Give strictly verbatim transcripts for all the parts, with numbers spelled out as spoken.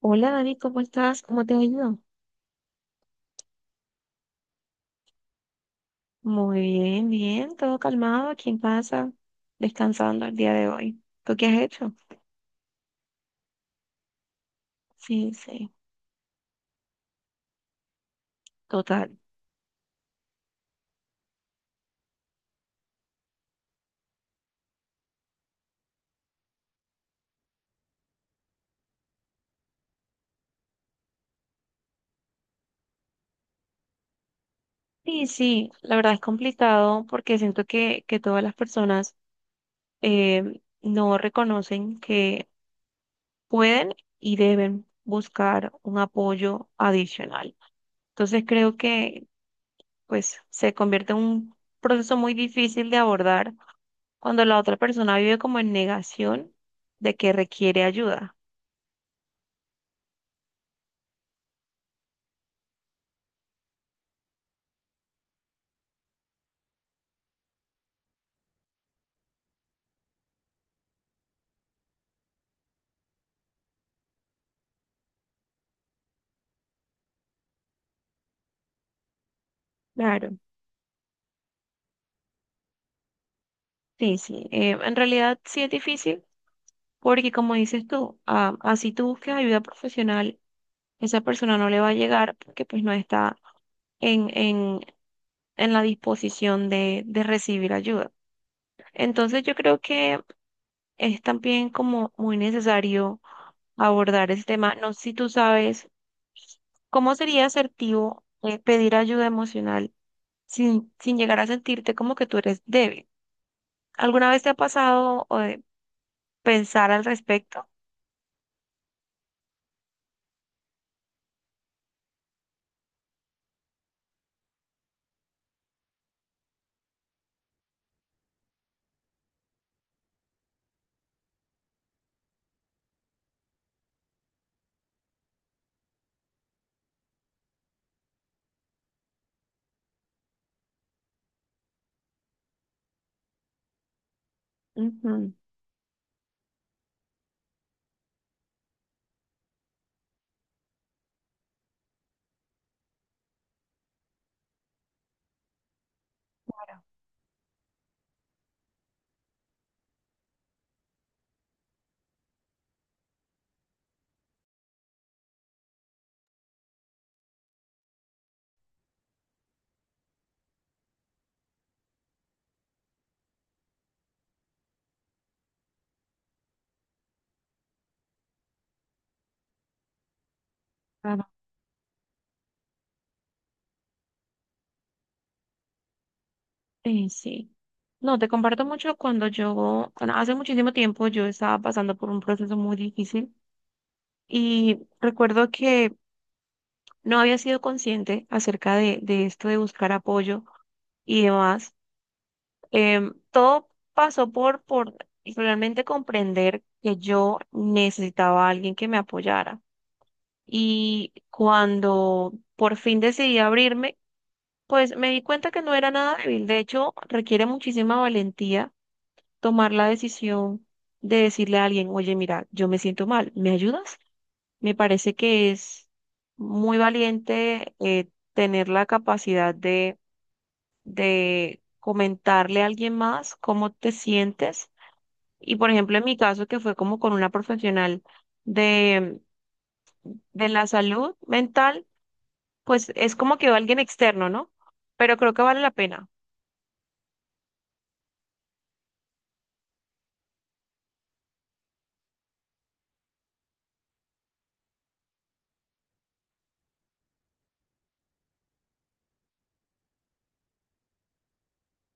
Hola Dani, ¿cómo estás? ¿Cómo te ha ido? Muy bien, bien, todo calmado aquí en casa, descansando el día de hoy. ¿Tú qué has hecho? Sí, sí, total. Sí, sí, la verdad es complicado porque siento que, que todas las personas eh, no reconocen que pueden y deben buscar un apoyo adicional. Entonces creo que pues se convierte en un proceso muy difícil de abordar cuando la otra persona vive como en negación de que requiere ayuda. Claro. Sí, sí. eh, en realidad sí es difícil porque como dices tú, ah, así tú busques ayuda profesional, esa persona no le va a llegar porque pues no está en, en, en la disposición de, de recibir ayuda. Entonces yo creo que es también como muy necesario abordar ese tema. No sé si tú sabes cómo sería asertivo eh, pedir ayuda emocional sin, sin llegar a sentirte como que tú eres débil. ¿Alguna vez te ha pasado o de pensar al respecto? Ujú, claro. Sí, sí. No, te comparto mucho cuando yo, cuando hace muchísimo tiempo yo estaba pasando por un proceso muy difícil y recuerdo que no había sido consciente acerca de, de esto de buscar apoyo y demás. Em, todo pasó por, por realmente comprender que yo necesitaba a alguien que me apoyara y cuando por fin decidí abrirme, pues me di cuenta que no era nada débil. De hecho, requiere muchísima valentía tomar la decisión de decirle a alguien, oye, mira, yo me siento mal, ¿me ayudas? Me parece que es muy valiente eh, tener la capacidad de, de comentarle a alguien más cómo te sientes. Y por ejemplo, en mi caso, que fue como con una profesional de, de la salud mental, pues es como que alguien externo, ¿no? Pero creo que vale la pena.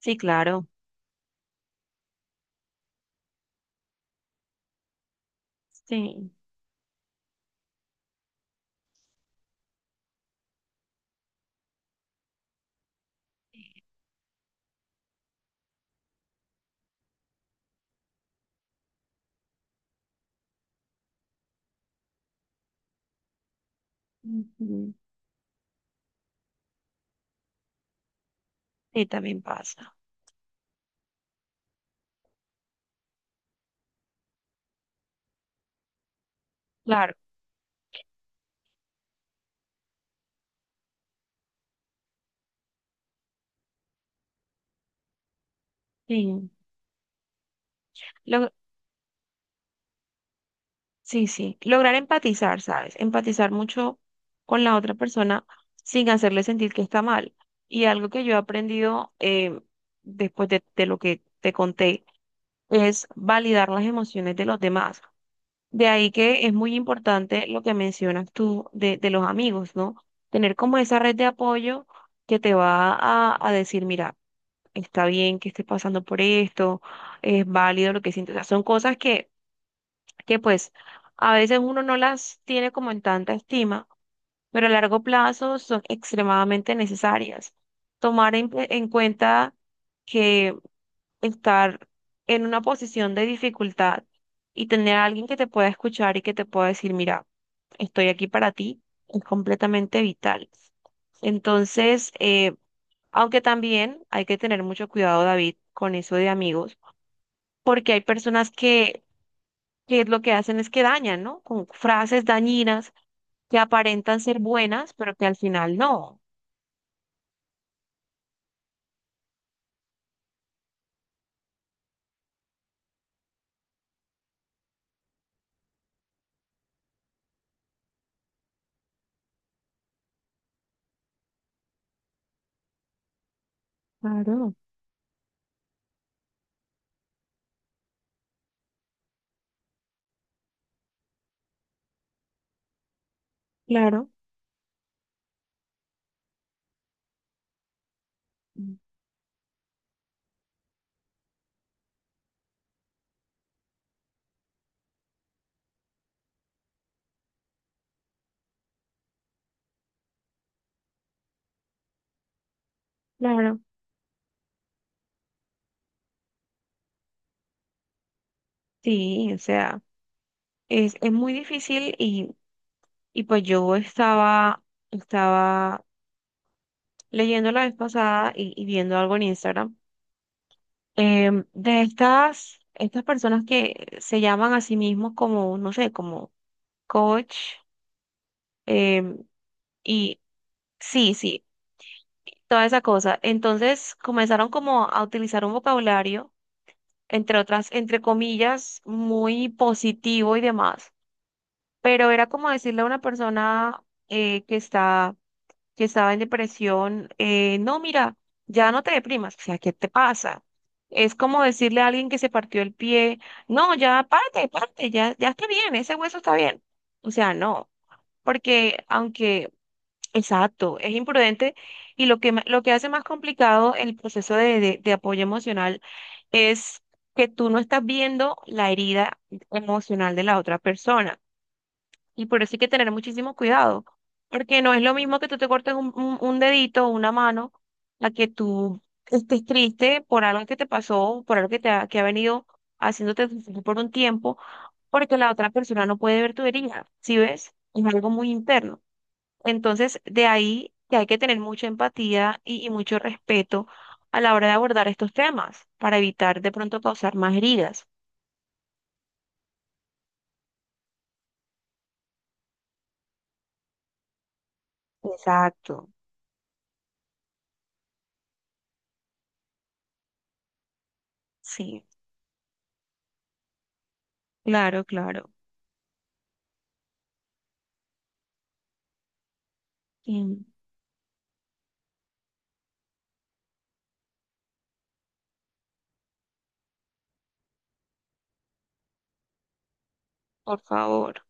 Sí, claro. Sí. Ujú. Sí, también pasa. Claro. Sí. Lo- sí, sí. Lograr empatizar, ¿sabes? Empatizar mucho con la otra persona sin hacerle sentir que está mal. Y algo que yo he aprendido eh, después de, de lo que te conté es validar las emociones de los demás. De ahí que es muy importante lo que mencionas tú de, de los amigos, ¿no? Tener como esa red de apoyo que te va a, a decir, mira, está bien que estés pasando por esto, es válido lo que sientes. O sea, son cosas que, que pues a veces uno no las tiene como en tanta estima, pero a largo plazo son extremadamente necesarias. Tomar en, en cuenta que estar en una posición de dificultad y tener a alguien que te pueda escuchar y que te pueda decir, mira, estoy aquí para ti, es completamente vital. Entonces, eh, aunque también hay que tener mucho cuidado, David, con eso de amigos, porque hay personas que, que lo que hacen es que dañan, ¿no? Con frases dañinas que aparentan ser buenas, pero que al final no. Claro, claro, claro. Sí, o sea, es, es muy difícil. Y pues yo estaba, estaba leyendo la vez pasada y, y viendo algo en Instagram, em, de estas, estas personas que se llaman a sí mismos como, no sé, como coach, em, y sí, sí, toda esa cosa. Entonces comenzaron como a utilizar un vocabulario, entre otras, entre comillas, muy positivo y demás, pero era como decirle a una persona eh, que está que estaba en depresión, eh, no, mira, ya no te deprimas, o sea, ¿qué te pasa? Es como decirle a alguien que se partió el pie, no, ya párate, párate, ya, ya está bien, ese hueso está bien. O sea, no, porque aunque, exacto, es imprudente y lo que, ma- lo que hace más complicado el proceso de, de de apoyo emocional es que tú no estás viendo la herida emocional de la otra persona. Y por eso hay que tener muchísimo cuidado, porque no es lo mismo que tú te cortes un, un, un dedito o una mano a que tú estés triste por algo que te pasó, por algo que te ha, que ha venido haciéndote sufrir por un tiempo, porque la otra persona no puede ver tu herida, ¿sí ves? Es algo muy interno. Entonces, de ahí que hay que tener mucha empatía y, y mucho respeto a la hora de abordar estos temas para evitar de pronto causar más heridas. Exacto. Sí, claro, claro. Mm. Por favor.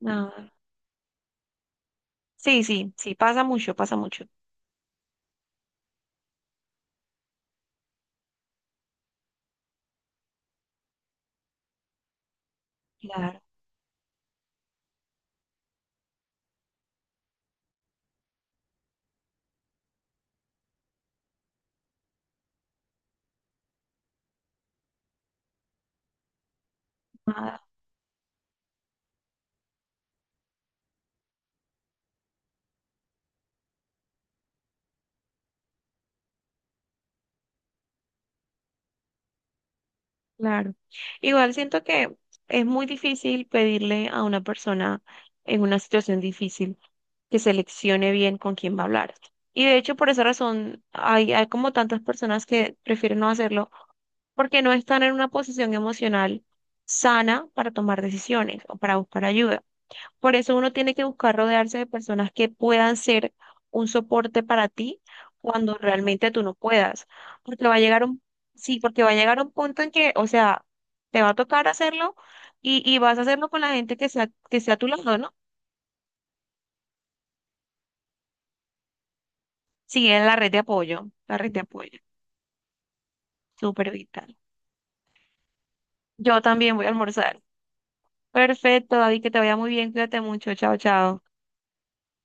Nada. Sí, sí, sí, pasa mucho, pasa mucho. Claro, nada, claro. Igual siento que es muy difícil pedirle a una persona en una situación difícil que seleccione bien con quién va a hablar. Y de hecho, por esa razón, hay, hay como tantas personas que prefieren no hacerlo porque no están en una posición emocional sana para tomar decisiones o para buscar ayuda. Por eso uno tiene que buscar rodearse de personas que puedan ser un soporte para ti cuando realmente tú no puedas. Porque va a llegar un, sí, porque va a llegar un punto en que, o sea, te va a tocar hacerlo y, y vas a hacerlo con la gente que sea, que sea a tu lado, ¿no? Sí, en la red de apoyo, la red de apoyo, súper vital. Yo también voy a almorzar. Perfecto, David, que te vaya muy bien, cuídate mucho, chao, chao.